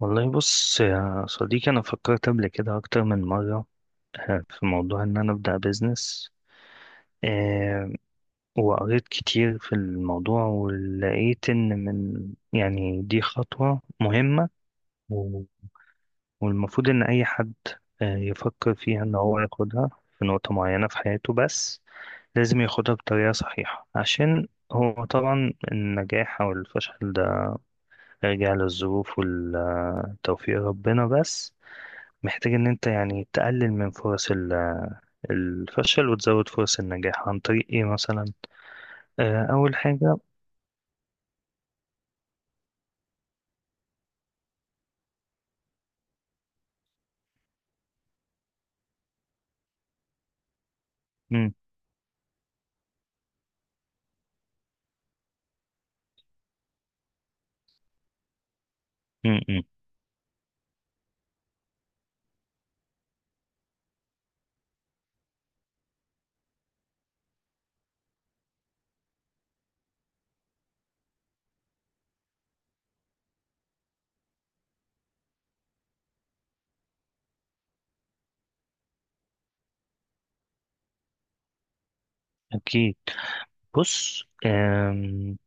والله بص يا صديقي، أنا فكرت قبل كده أكتر من مرة في موضوع إن أنا أبدأ بيزنس. آه، وقريت كتير في الموضوع، ولقيت إن من يعني دي خطوة مهمة. و- والمفروض إن أي حد يفكر فيها إن هو ياخدها في نقطة معينة في حياته، بس لازم ياخدها بطريقة صحيحة، عشان هو طبعا النجاح أو الفشل ده راجع للظروف والتوفيق ربنا. بس محتاج ان انت يعني تقلل من فرص الفشل وتزود فرص النجاح عن طريق ايه مثلا. اول حاجة. مم، مم، مم، اكيد. بص،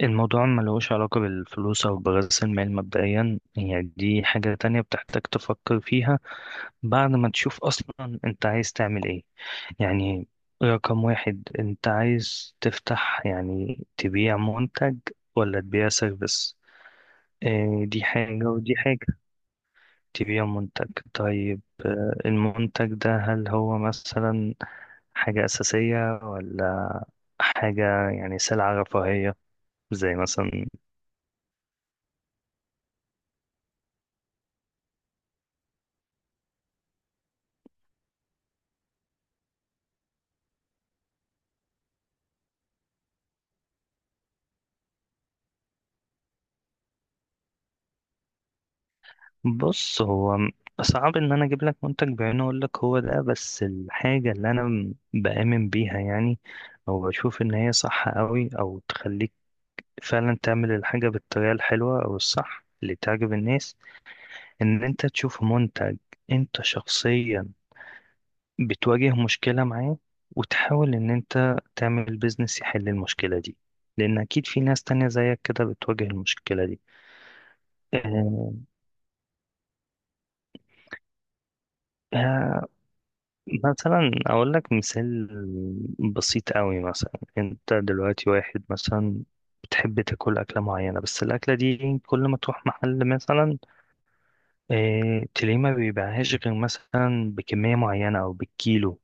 الموضوع ما لهوش علاقة بالفلوس او برأس المال مبدئيا، يعني دي حاجة تانية بتحتاج تفكر فيها بعد ما تشوف اصلا انت عايز تعمل ايه. يعني رقم واحد، انت عايز تفتح يعني تبيع منتج ولا تبيع سيرفيس؟ دي حاجة ودي حاجة. تبيع منتج طيب. المنتج ده هل هو مثلا حاجة أساسية ولا حاجة يعني سلعة رفاهية زي مثلا؟ بص هو صعب إن أنا أجيب لك منتج بعينه أقول لك هو ده، بس الحاجة اللي أنا بآمن بيها يعني، أو بشوف إن هي صح أوي أو تخليك فعلا تعمل الحاجة بالطريقة الحلوة أو الصح اللي تعجب الناس، إن أنت تشوف منتج أنت شخصيا بتواجه مشكلة معاه، وتحاول إن أنت تعمل بيزنس يحل المشكلة دي، لأن أكيد في ناس تانية زيك كده بتواجه المشكلة دي. آه، آه، مثلا أقول لك مثال بسيط قوي. مثلا أنت دلوقتي واحد مثلا بتحب تاكل أكلة معينة، بس الأكلة دي كل ما تروح محل مثلا تلاقيه ما بيبيعهاش غير مثلا بكمية معينة أو بالكيلو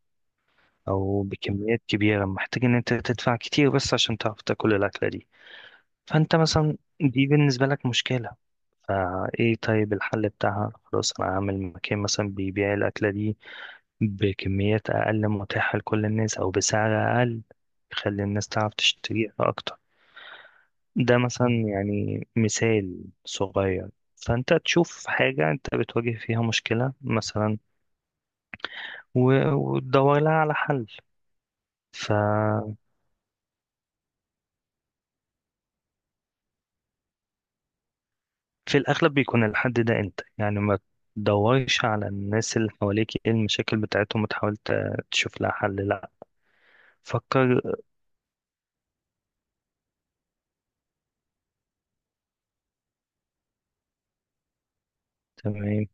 أو بكميات كبيرة، محتاج إن أنت تدفع كتير بس عشان تعرف تاكل الأكلة دي. فانت مثلا دي بالنسبة لك مشكلة. فايه طيب الحل بتاعها؟ خلاص انا هعمل مكان مثلا بيبيع الاكلة دي بكميات اقل متاحة لكل الناس او بسعر اقل يخلي الناس تعرف تشتريها اكتر. ده مثلا يعني مثال صغير. فانت تشوف حاجة انت بتواجه فيها مشكلة مثلا وتدور لها على حل. في الأغلب بيكون الحد ده أنت، يعني ما تدورش على الناس اللي حواليك إيه المشاكل بتاعتهم وتحاول تشوف لها حل لأ. فكر. تمام.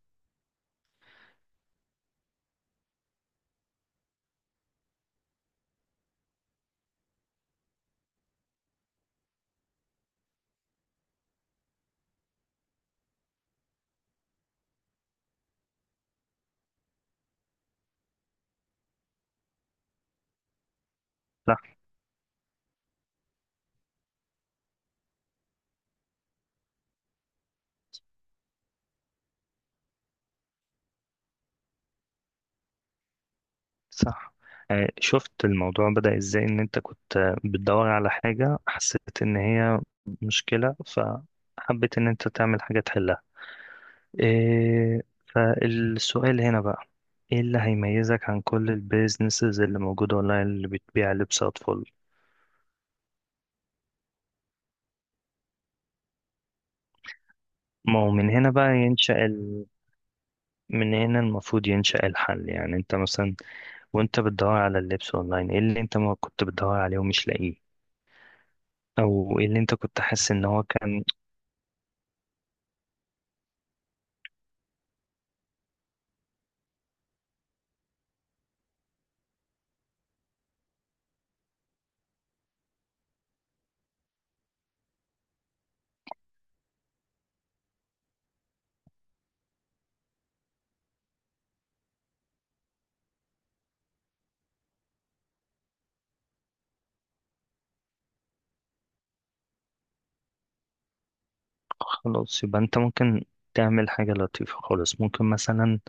صح. صح. شفت الموضوع بدأ إزاي؟ إن أنت كنت بتدور على حاجة حسيت إن هي مشكلة، فحبيت إن أنت تعمل حاجة تحلها. إيه فالسؤال هنا بقى، إيه اللي هيميزك عن كل البيزنسز اللي موجودة أونلاين اللي بتبيع لبس أطفال؟ ما هو من هنا بقى ينشأ. من هنا المفروض ينشأ الحل. يعني انت مثلا وانت بتدور على اللبس اونلاين ايه اللي انت ما كنت بتدور عليه ومش لاقيه، او ايه اللي انت كنت حاسس ان هو كان. خلاص يبقى انت ممكن تعمل حاجة لطيفة خالص. ممكن مثلا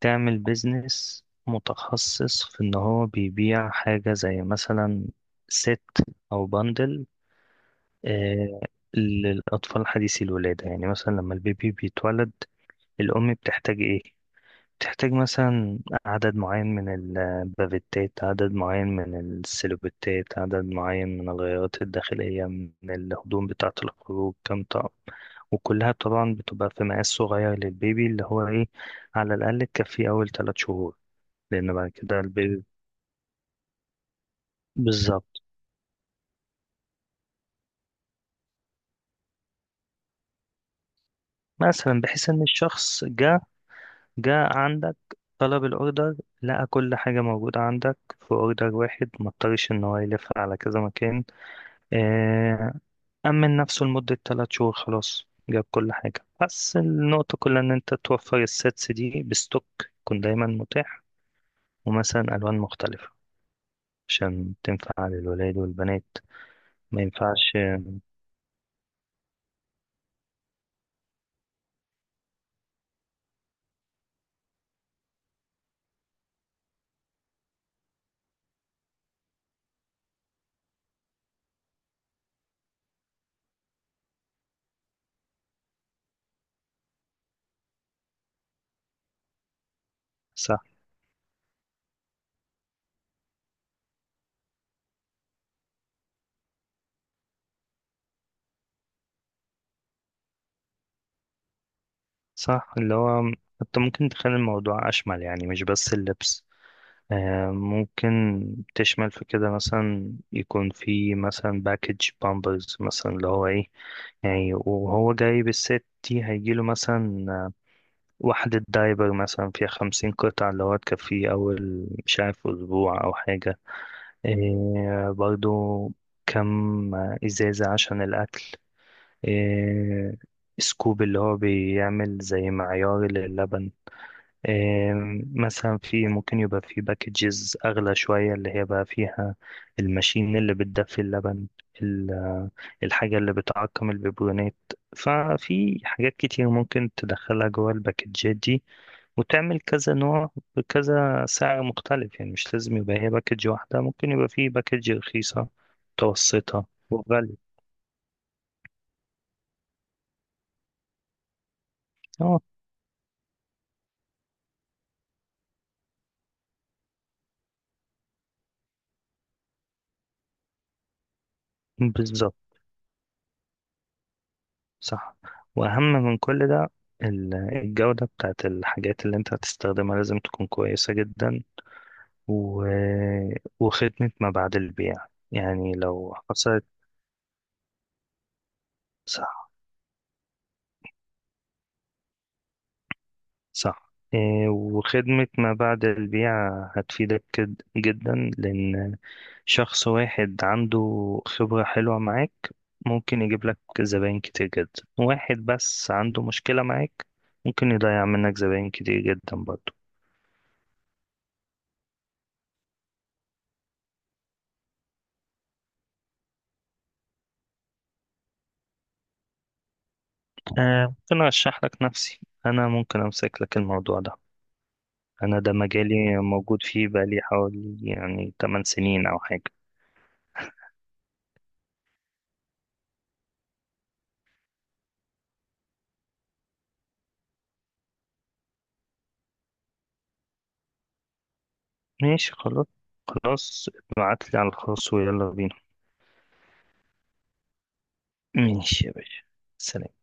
تعمل بيزنس متخصص في ان هو بيبيع حاجة زي مثلا ست او بندل آه للأطفال حديثي الولادة. يعني مثلا لما البيبي بيتولد الأم بتحتاج ايه؟ تحتاج مثلا عدد معين من البافيتات، عدد معين من السيلوبيتات، عدد معين من الغيارات الداخلية، من الهدوم بتاعة الخروج كام طقم، وكلها طبعا بتبقى في مقاس صغير للبيبي اللي هو ايه على الأقل تكفيه أول 3 شهور. لأن بعد كده البيبي بالظبط. مثلا بحيث إن الشخص جه عندك، طلب الأوردر، لقى كل حاجة موجودة عندك في أوردر واحد مضطرش إن هو يلف على كذا مكان. آه، أمن نفسه لمدة 3 شهور، خلاص جاب كل حاجة. بس النقطة كلها إن أنت توفر السيتس دي بستوك، يكون دايما متاح، ومثلا ألوان مختلفة عشان تنفع للولاد والبنات. ما ينفعش. صح. صح اللي هو أنت ممكن تخلي الموضوع أشمل، يعني مش بس اللبس. ممكن تشمل في كده مثلا، يكون في مثلا باكج بامبرز مثلا اللي هو ايه، يعني وهو جاي بالست دي هيجيله مثلا وحدة دايبر مثلا فيها 50 قطعة اللي هو تكفيه أول مش عارف أسبوع أو حاجة. إيه برضو كم إزازة عشان الأكل، إيه سكوب اللي هو بيعمل زي معيار للبن، إيه مثلا. في ممكن يبقى في باكجز أغلى شوية اللي هي بقى فيها الماشين اللي بتدفي اللبن، ال- الحاجة اللي بتعقم البيبرونات. ففي حاجات كتير ممكن تدخلها جوه الباكجات دي وتعمل كذا نوع بكذا سعر مختلف. يعني مش لازم يبقى هي باكج واحدة، ممكن يبقى فيه باكج رخيصة، متوسطة، وغالية. اه بالظبط. صح. وأهم من كل ده الجودة بتاعت الحاجات اللي انت هتستخدمها لازم تكون كويسة جدا، و... وخدمة ما بعد البيع. يعني لو حصلت. صح. صح. إيه، وخدمة ما بعد البيع هتفيدك جدا، لأن شخص واحد عنده خبرة حلوة معاك ممكن يجيب لك زباين كتير جدا، واحد بس عنده مشكلة معاك ممكن يضيع منك زباين كتير جدا برضو. آه ممكن أرشح لك نفسي. أنا ممكن أمسك لك الموضوع ده. أنا ده مجالي موجود فيه بقالي حوالي يعني 8 سنين أو حاجة. ماشي خلاص. خلاص، ابعتلي على الخاص ويلا بينا. ماشي يا باشا، سلام.